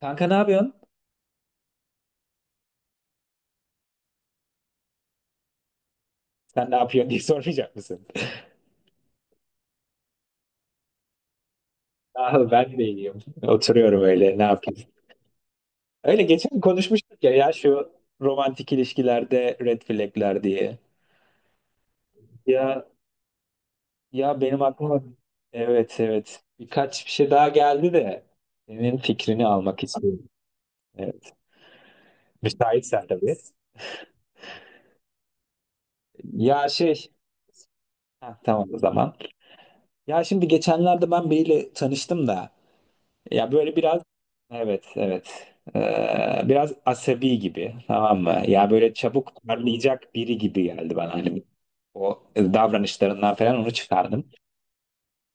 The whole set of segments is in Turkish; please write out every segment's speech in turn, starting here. Kanka ne yapıyorsun? Sen ne yapıyorsun diye sormayacak mısın? Ah ben de iyiyim. Oturuyorum öyle ne yapayım? Öyle geçen konuşmuştuk ya, şu romantik ilişkilerde red flagler diye. Ya ya benim aklıma, evet evet, birkaç bir şey daha geldi de senin fikrini almak istiyorum. Evet. Müsaitsen tabii. Ya şey ha, tamam o zaman. Ya şimdi geçenlerde ben biriyle tanıştım da, ya böyle biraz, evet evet, biraz asabi gibi, tamam mı? Ya böyle çabuk parlayacak biri gibi geldi bana, hani o davranışlarından falan onu çıkardım.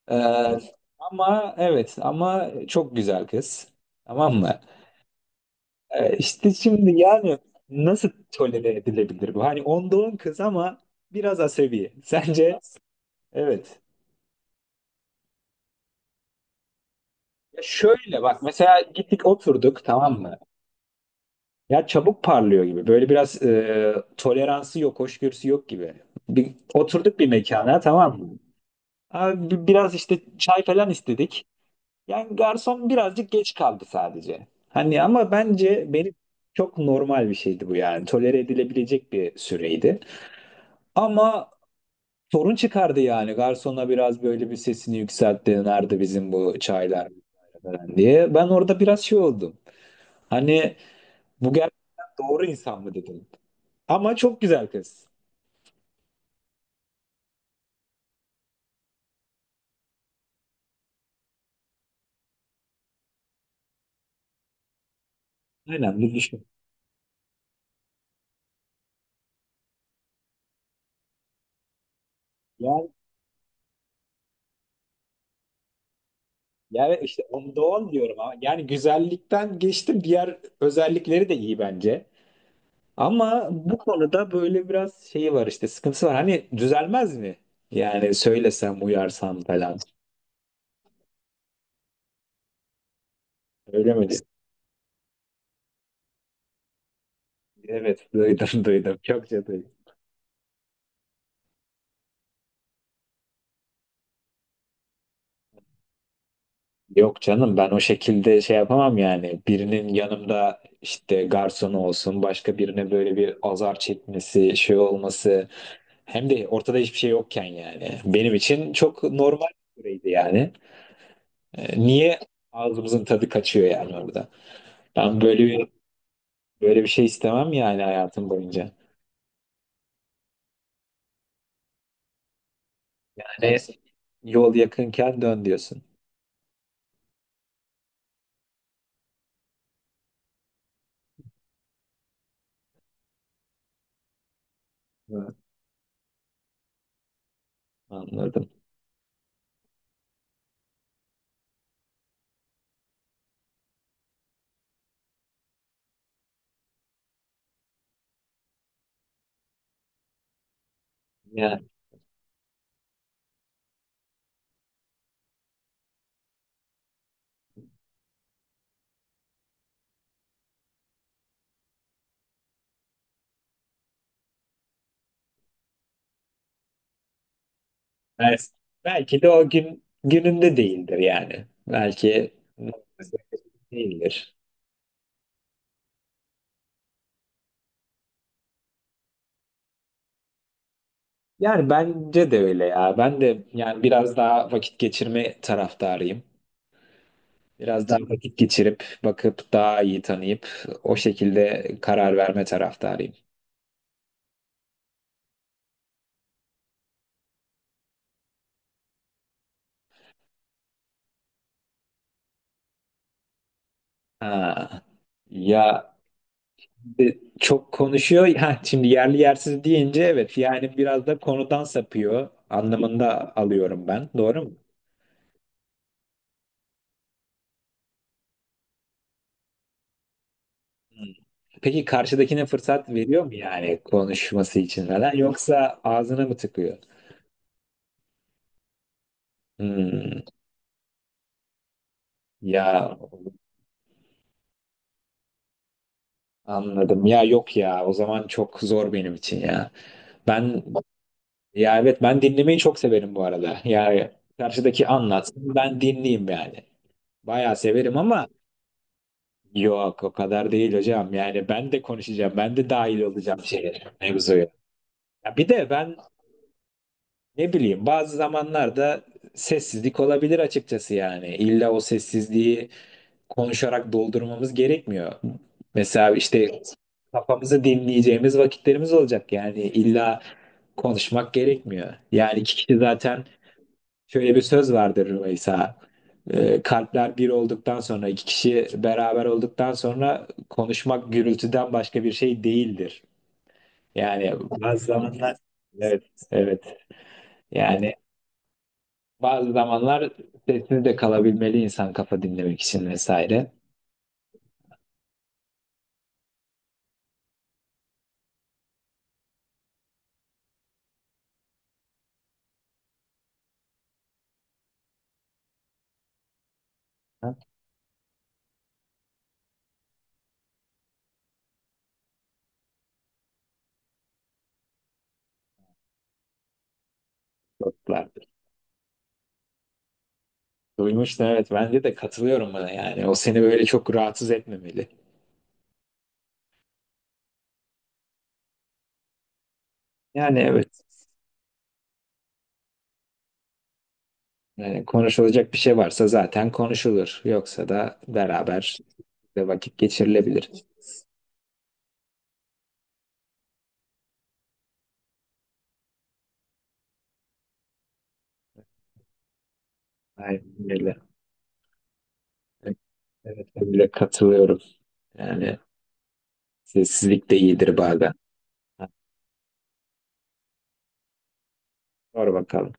Ee, ama evet, ama çok güzel kız, tamam mı? İşte şimdi yani nasıl tolere edilebilir bu? Hani onda on kız ama biraz asabi. Sence? Evet. Ya şöyle bak, mesela gittik oturduk, tamam mı? Ya çabuk parlıyor gibi. Böyle biraz toleransı yok, hoşgörüsü yok gibi. Oturduk bir mekana, tamam mı? Abi, biraz işte çay falan istedik. Yani garson birazcık geç kaldı sadece. Hani ama bence benim çok normal bir şeydi bu yani. Tolere edilebilecek bir süreydi. Ama sorun çıkardı yani. Garsona biraz böyle bir sesini yükseltti. Nerede bizim bu çaylar falan diye. Ben orada biraz şey oldum. Hani bu gerçekten doğru insan mı dedim. Ama çok güzel kız. Aynen Lülüşko. Yani, yani işte onda on diyorum ama yani güzellikten geçtim, diğer özellikleri de iyi bence. Ama bu konuda böyle biraz şeyi var, işte sıkıntısı var. Hani düzelmez mi? Yani söylesem, uyarsam falan. Öyle mi diyorsun? Evet duydum, duydum. Çok duydum. Yok canım, ben o şekilde şey yapamam yani. Birinin yanımda, işte garsonu olsun başka birine, böyle bir azar çekmesi, şey olması. Hem de ortada hiçbir şey yokken yani. Benim için çok normal bir süreydi yani. Niye ağzımızın tadı kaçıyor yani orada? Ben böyle bir şey istemem yani hayatım boyunca. Yani yol yakınken dön diyorsun. Evet. Anladım. Yani bel- belki de o gün gününde değildir yani. Belki değildir. Yani bence de öyle ya. Ben de yani biraz daha vakit geçirme taraftarıyım. Biraz daha vakit geçirip, bakıp, daha iyi tanıyıp o şekilde karar verme taraftarıyım. Ha. Ya, çok konuşuyor. Ha, şimdi yerli yersiz deyince evet, yani biraz da konudan sapıyor anlamında alıyorum ben. Doğru mu? Hmm. Peki karşıdakine fırsat veriyor mu yani, konuşması için falan, yoksa ağzına mı tıkıyor? Hmm, ya anladım. Ya yok ya, o zaman çok zor benim için ya. Ben Ya evet, ben dinlemeyi çok severim bu arada. Yani karşıdaki anlatsın, ben dinleyeyim yani. Bayağı severim ama yok, o kadar değil hocam. Yani ben de konuşacağım. Ben de dahil olacağım şeye, mevzuya. Ya bir de ben ne bileyim, bazı zamanlarda sessizlik olabilir açıkçası yani. İlla o sessizliği konuşarak doldurmamız gerekmiyor. Mesela işte kafamızı dinleyeceğimiz vakitlerimiz olacak, yani illa konuşmak gerekmiyor. Yani iki kişi zaten Şöyle bir söz vardır Rümeysa. Kalpler bir olduktan sonra, iki kişi beraber olduktan sonra, konuşmak gürültüden başka bir şey değildir. Yani bazı zamanlar, evet, evet. Yani bazı zamanlar sessiz de kalabilmeli insan, kafa dinlemek için vesaire. Ha, dostlardır. Duymuştun, evet, bence de katılıyorum buna yani. O seni böyle çok rahatsız etmemeli. Yani evet. Yani konuşulacak bir şey varsa zaten konuşulur. Yoksa da beraber de vakit geçirilebilir. Aynen öyle. Evet, ben bile katılıyorum. Yani sessizlik de iyidir bazen. Ha, sor bakalım.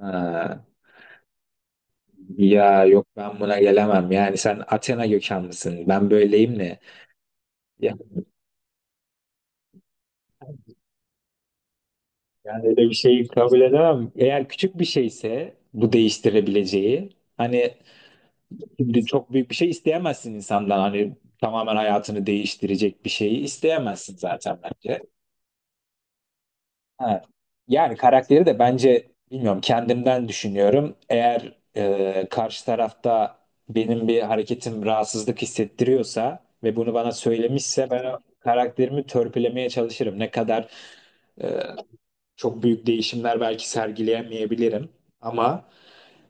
Ha, ya yok, ben buna gelemem. Yani sen Athena kökenlisin. Ben böyleyim ne? Ya, yani öyle bir şeyi kabul edemem. Eğer küçük bir şeyse bu, değiştirebileceği. Hani, şimdi çok büyük bir şey isteyemezsin insandan. Hani tamamen hayatını değiştirecek bir şeyi isteyemezsin zaten bence. Ha. Yani karakteri de bence, bilmiyorum, kendimden düşünüyorum. Eğer karşı tarafta benim bir hareketim rahatsızlık hissettiriyorsa ve bunu bana söylemişse, ben o karakterimi törpülemeye çalışırım. Ne kadar e, çok büyük değişimler belki sergileyemeyebilirim ama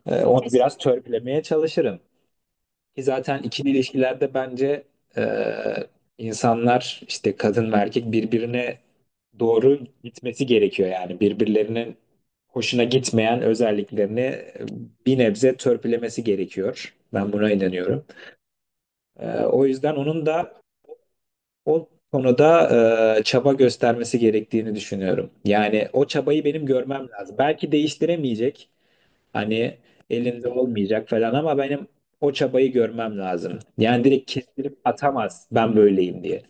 onu biraz törpülemeye çalışırım. Ki zaten ikili ilişkilerde bence e, insanlar, işte kadın ve erkek birbirine doğru gitmesi gerekiyor, yani birbirlerinin hoşuna gitmeyen özelliklerini bir nebze törpülemesi gerekiyor. Ben buna inanıyorum. O yüzden onun da o konuda çaba göstermesi gerektiğini düşünüyorum. Yani o çabayı benim görmem lazım. Belki değiştiremeyecek. Hani elinde olmayacak falan, ama benim o çabayı görmem lazım. Yani direkt kestirip atamaz, ben böyleyim diye.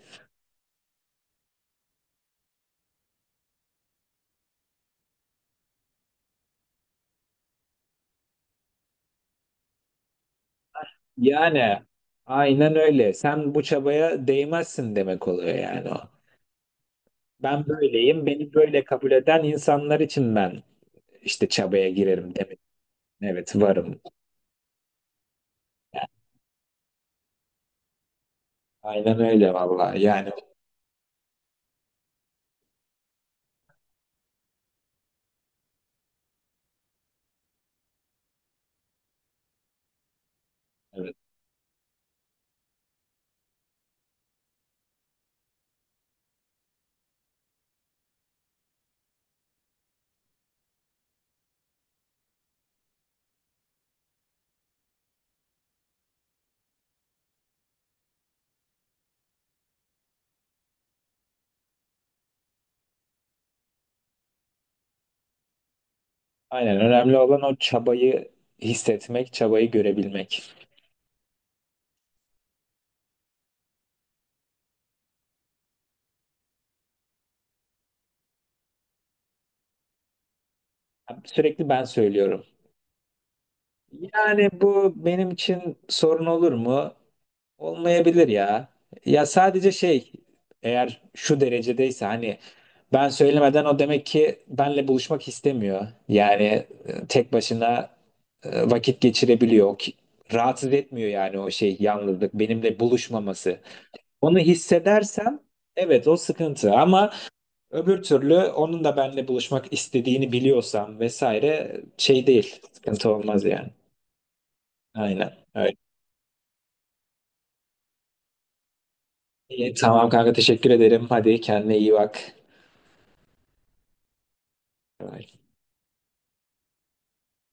Yani aynen öyle. Sen bu çabaya değmezsin demek oluyor yani o. Ben böyleyim, beni böyle kabul eden insanlar için ben işte çabaya girerim demek. Evet, varım. Yani aynen öyle vallahi. Yani evet. Aynen, önemli olan o çabayı hissetmek, çabayı görebilmek. Sürekli ben söylüyorum. Yani bu benim için sorun olur mu? Olmayabilir ya. Ya sadece şey, eğer şu derecedeyse hani ben söylemeden, o demek ki benle buluşmak istemiyor. Yani tek başına vakit geçirebiliyor. Rahatsız etmiyor yani o şey, yalnızlık, benimle buluşmaması. Onu hissedersem evet, o sıkıntı, ama öbür türlü onun da benimle buluşmak istediğini biliyorsam vesaire, şey değil, sıkıntı olmaz yani. Aynen. İyi, tamam kanka, teşekkür ederim. Hadi kendine iyi bak. Bye.